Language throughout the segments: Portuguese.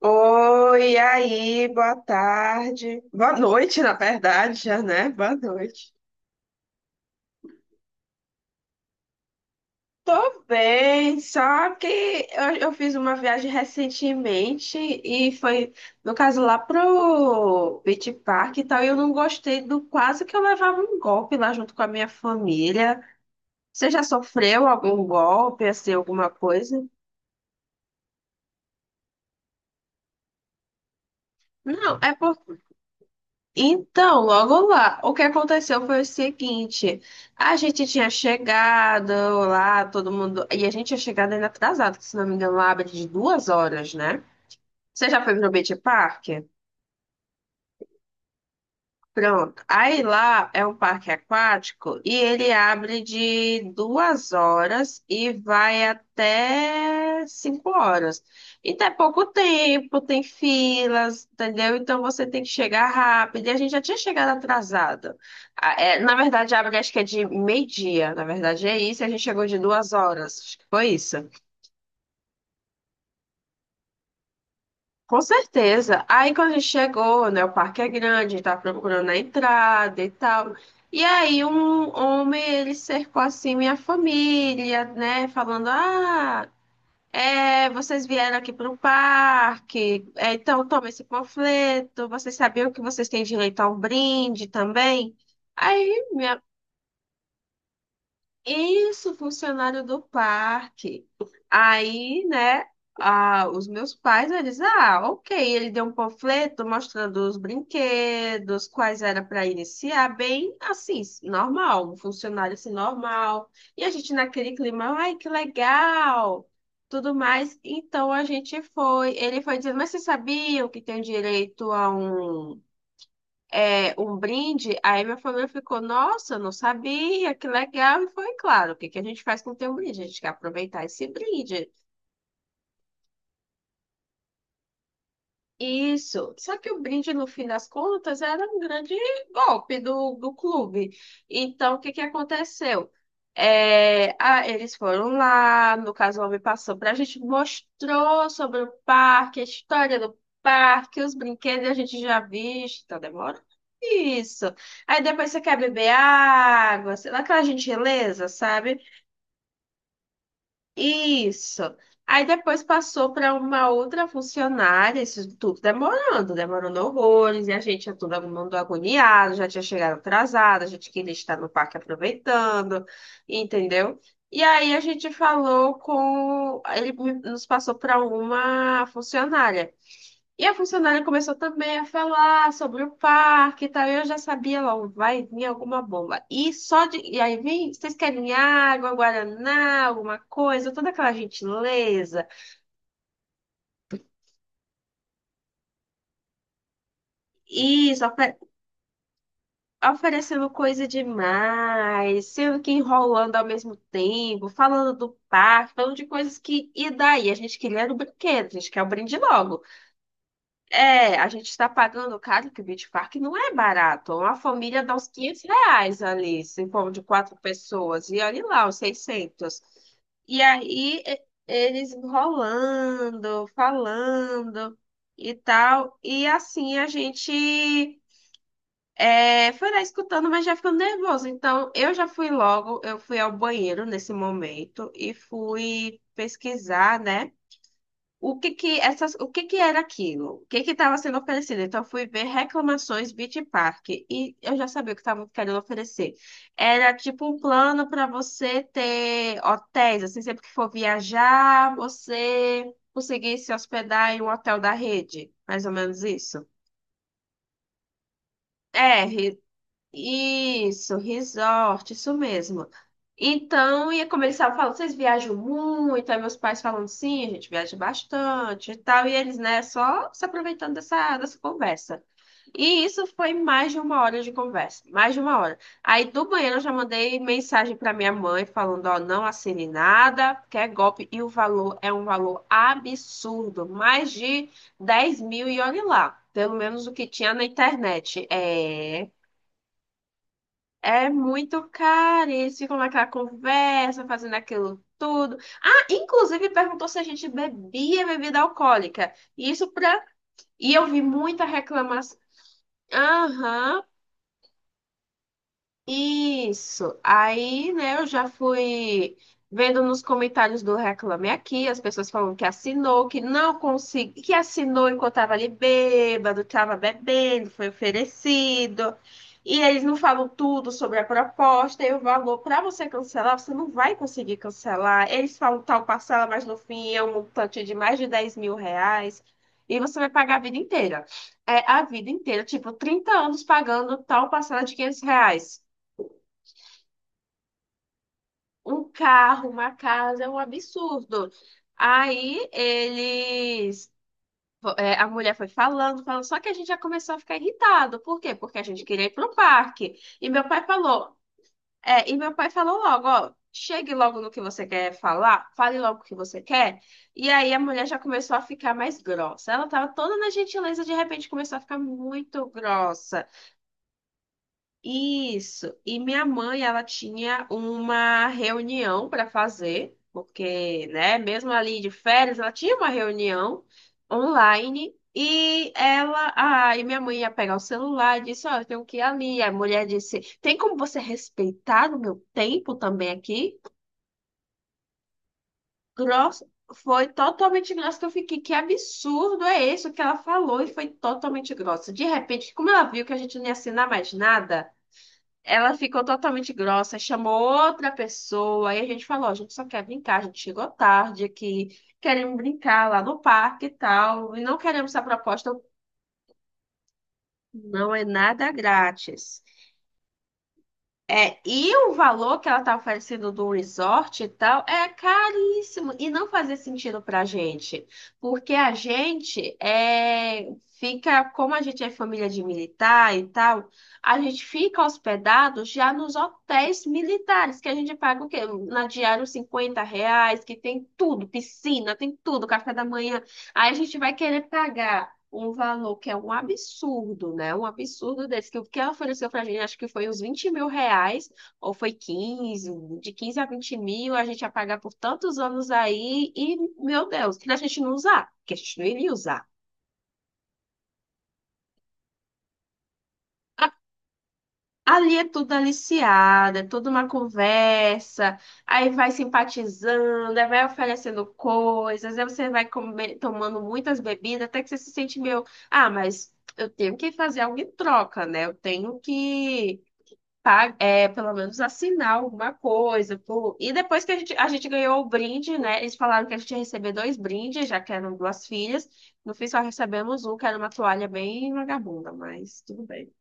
Oi, e aí, boa tarde. Boa noite, na verdade, já, né? Boa noite. Tô bem, só que eu fiz uma viagem recentemente e foi, no caso, lá pro Beach Park e tal, e eu não gostei do quase que eu levava um golpe lá junto com a minha família. Você já sofreu algum golpe, assim, alguma coisa? Não, é por. Então, logo lá, o que aconteceu foi o seguinte: a gente tinha chegado lá, todo mundo. E a gente tinha chegado ainda atrasado, que se não me engano, lá abre de duas horas, né? Você já foi pro Beach Park? Pronto. Aí lá é um parque aquático e ele abre de duas horas e vai até cinco horas. Então é pouco tempo, tem filas, entendeu? Então você tem que chegar rápido. E a gente já tinha chegado atrasado. Ah, é, na verdade, abre acho que é de meio-dia. Na verdade, é isso. E a gente chegou de duas horas. Acho que foi isso. Com certeza. Aí quando a gente chegou, né, o parque é grande, tá procurando a entrada e tal. E aí um homem, ele cercou assim minha família, né, falando: "Ah, é, vocês vieram aqui para o parque. É, então toma esse panfleto. Vocês sabiam que vocês têm direito a um brinde também?" Aí minha. Isso, funcionário do parque. Aí, né, ah, os meus pais, eles, ah, ok, ele deu um panfleto mostrando os brinquedos, quais era para iniciar, bem assim, normal, um funcionário assim, normal. E a gente naquele clima, ai, que legal, tudo mais. Então a gente foi, ele foi dizendo, mas vocês sabiam que tem direito a um é, um brinde, aí minha família ficou, nossa, não sabia, que legal. E foi claro, o que que a gente faz quando tem um brinde? A gente quer aproveitar esse brinde. Isso, só que o brinde, no fim das contas, era um grande golpe do clube. Então, o que que aconteceu? Eles foram lá, no caso, o homem passou para a gente, mostrou sobre o parque, a história do parque, os brinquedos a gente já visto, tá demorando. Isso. Aí depois você quer beber água, sei lá, aquela gentileza, sabe? Isso. Aí depois passou para uma outra funcionária, isso tudo demorando, demorando horrores, e a gente já todo mundo agoniado, já tinha chegado atrasado, a gente queria estar no parque aproveitando, entendeu? E aí a gente falou com, ele nos passou para uma funcionária. E a funcionária começou também a falar sobre o parque e tal. E eu já sabia logo, vai vir alguma bomba. E só de. E aí vem, vocês querem água, guaraná, alguma coisa, toda aquela gentileza. Isso, oferecendo coisa demais, sendo que enrolando ao mesmo tempo, falando do parque, falando de coisas que. E daí? A gente queria era o brinquedo, a gente quer o brinde logo. É, a gente está pagando caro, que o Beach Park não é barato. Uma família dá uns R$ 500 ali, se for de quatro pessoas. E olha lá, os 600. E aí eles enrolando, falando e tal. E assim a gente é, foi lá escutando, mas já ficando nervoso. Então eu já fui logo, eu fui ao banheiro nesse momento e fui pesquisar, né? O que que era aquilo? O que que estava sendo oferecido? Então eu fui ver reclamações Beach Park e eu já sabia o que estavam querendo oferecer. Era tipo um plano para você ter hotéis, assim, sempre que for viajar, você conseguir se hospedar em um hotel da rede, mais ou menos isso. É, isso, resort, isso mesmo. Então, ia começar a falar, vocês viajam muito? Aí meus pais falando sim, a gente viaja bastante e tal. E eles, né, só se aproveitando dessa conversa. E isso foi mais de uma hora de conversa, mais de uma hora. Aí do banheiro eu já mandei mensagem para minha mãe falando, ó, não assine nada, porque é golpe e o valor é um valor absurdo, mais de 10 mil e olhe lá, pelo menos o que tinha na internet. É... É muito caro, e eles ficam naquela conversa, fazendo aquilo tudo. Ah, inclusive perguntou se a gente bebia bebida alcoólica. E isso pra... E eu vi muita reclamação. Aham, isso. Aí, né, eu já fui vendo nos comentários do Reclame Aqui, as pessoas falam que assinou, que não consegui, que assinou enquanto estava ali bêbado, estava bebendo, foi oferecido. E eles não falam tudo sobre a proposta e o valor para você cancelar, você não vai conseguir cancelar. Eles falam tal parcela, mas no fim é um montante de mais de R$ 10 mil. E você vai pagar a vida inteira. É a vida inteira, tipo, 30 anos pagando tal parcela de R$ 500, um carro, uma casa, é um absurdo. Aí eles. É, a mulher foi falando, falando, só que a gente já começou a ficar irritado. Por quê? Porque a gente queria ir pro parque. E meu pai falou, é, e meu pai falou logo, ó, chegue logo no que você quer falar, fale logo o que você quer. E aí a mulher já começou a ficar mais grossa. Ela tava toda na gentileza, de repente começou a ficar muito grossa. Isso. E minha mãe, ela tinha uma reunião para fazer, porque, né, mesmo ali de férias, ela tinha uma reunião online e ela, ah, e minha mãe ia pegar o celular e disse, ó, eu tenho que ir ali. A mulher disse, tem como você respeitar o meu tempo também aqui? Grossa, foi totalmente grossa, que eu fiquei, que absurdo é isso que ela falou, e foi totalmente grossa. De repente, como ela viu que a gente não ia assinar mais nada, ela ficou totalmente grossa, chamou outra pessoa, aí a gente falou, a gente só quer brincar, a gente chegou tarde aqui, queremos brincar lá no parque e tal, e não queremos essa proposta, não é nada grátis. É, e o valor que ela tá oferecendo do resort e tal é caríssimo e não fazia sentido pra gente, porque a gente é, fica, como a gente é família de militar e tal, a gente fica hospedado já nos hotéis militares, que a gente paga o quê? Na diária uns R$ 50, que tem tudo, piscina, tem tudo, café da manhã. Aí a gente vai querer pagar um valor que é um absurdo, né? Um absurdo desse, que o que ela ofereceu pra gente, acho que foi uns R$ 20 mil, ou foi 15, de 15 a 20 mil, a gente ia pagar por tantos anos aí, e, meu Deus, que a gente não usar, que a gente não iria usar. Ali é tudo aliciado, é toda uma conversa, aí vai simpatizando, aí vai oferecendo coisas, aí você vai tomando muitas bebidas, até que você se sente meio, ah, mas eu tenho que fazer algo em troca, né? Eu tenho que pelo menos assinar alguma coisa. Pô. E depois que a gente ganhou o brinde, né? Eles falaram que a gente ia receber dois brindes, já que eram duas filhas. No fim, só recebemos um, que era uma toalha bem vagabunda, mas tudo bem.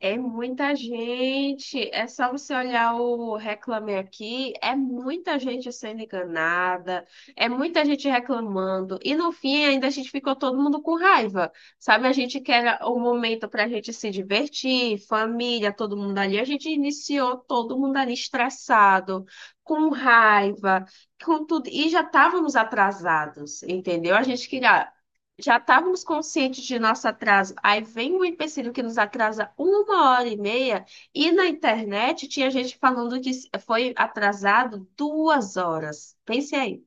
É muita gente. É só você olhar o Reclame Aqui. É muita gente sendo enganada. É muita gente reclamando. E no fim, ainda a gente ficou todo mundo com raiva. Sabe, a gente quer o momento para a gente se divertir, família, todo mundo ali. A gente iniciou todo mundo ali estressado, com raiva, com tudo. E já estávamos atrasados, entendeu? A gente queria. Já estávamos conscientes de nosso atraso. Aí vem um empecilho que nos atrasa 1 hora e meia, e na internet tinha gente falando que foi atrasado 2 horas. Pense aí.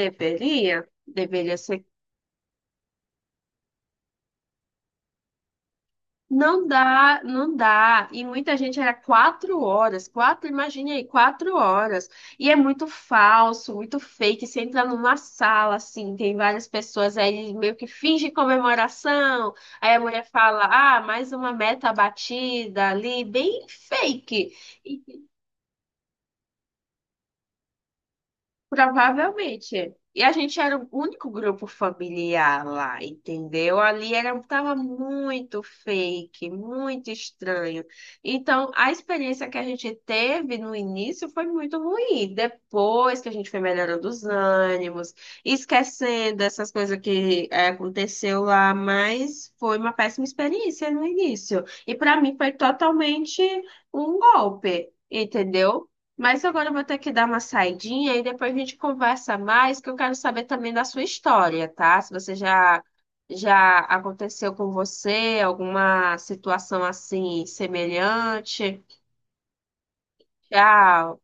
Deveria? Deveria ser. Não dá, não dá. E muita gente era 4 horas, quatro, imagine aí, 4 horas. E é muito falso, muito fake. Você entra numa sala, assim, tem várias pessoas aí meio que finge comemoração. Aí a mulher fala, ah, mais uma meta batida ali, bem fake. Provavelmente. E a gente era o único grupo familiar lá, entendeu? Ali era, tava muito fake, muito estranho. Então, a experiência que a gente teve no início foi muito ruim. Depois que a gente foi melhorando os ânimos, esquecendo essas coisas que aconteceu lá, mas foi uma péssima experiência no início. E para mim foi totalmente um golpe, entendeu? Mas agora eu vou ter que dar uma saidinha e depois a gente conversa mais, que eu quero saber também da sua história, tá? Se você já aconteceu com você alguma situação assim semelhante. Tchau.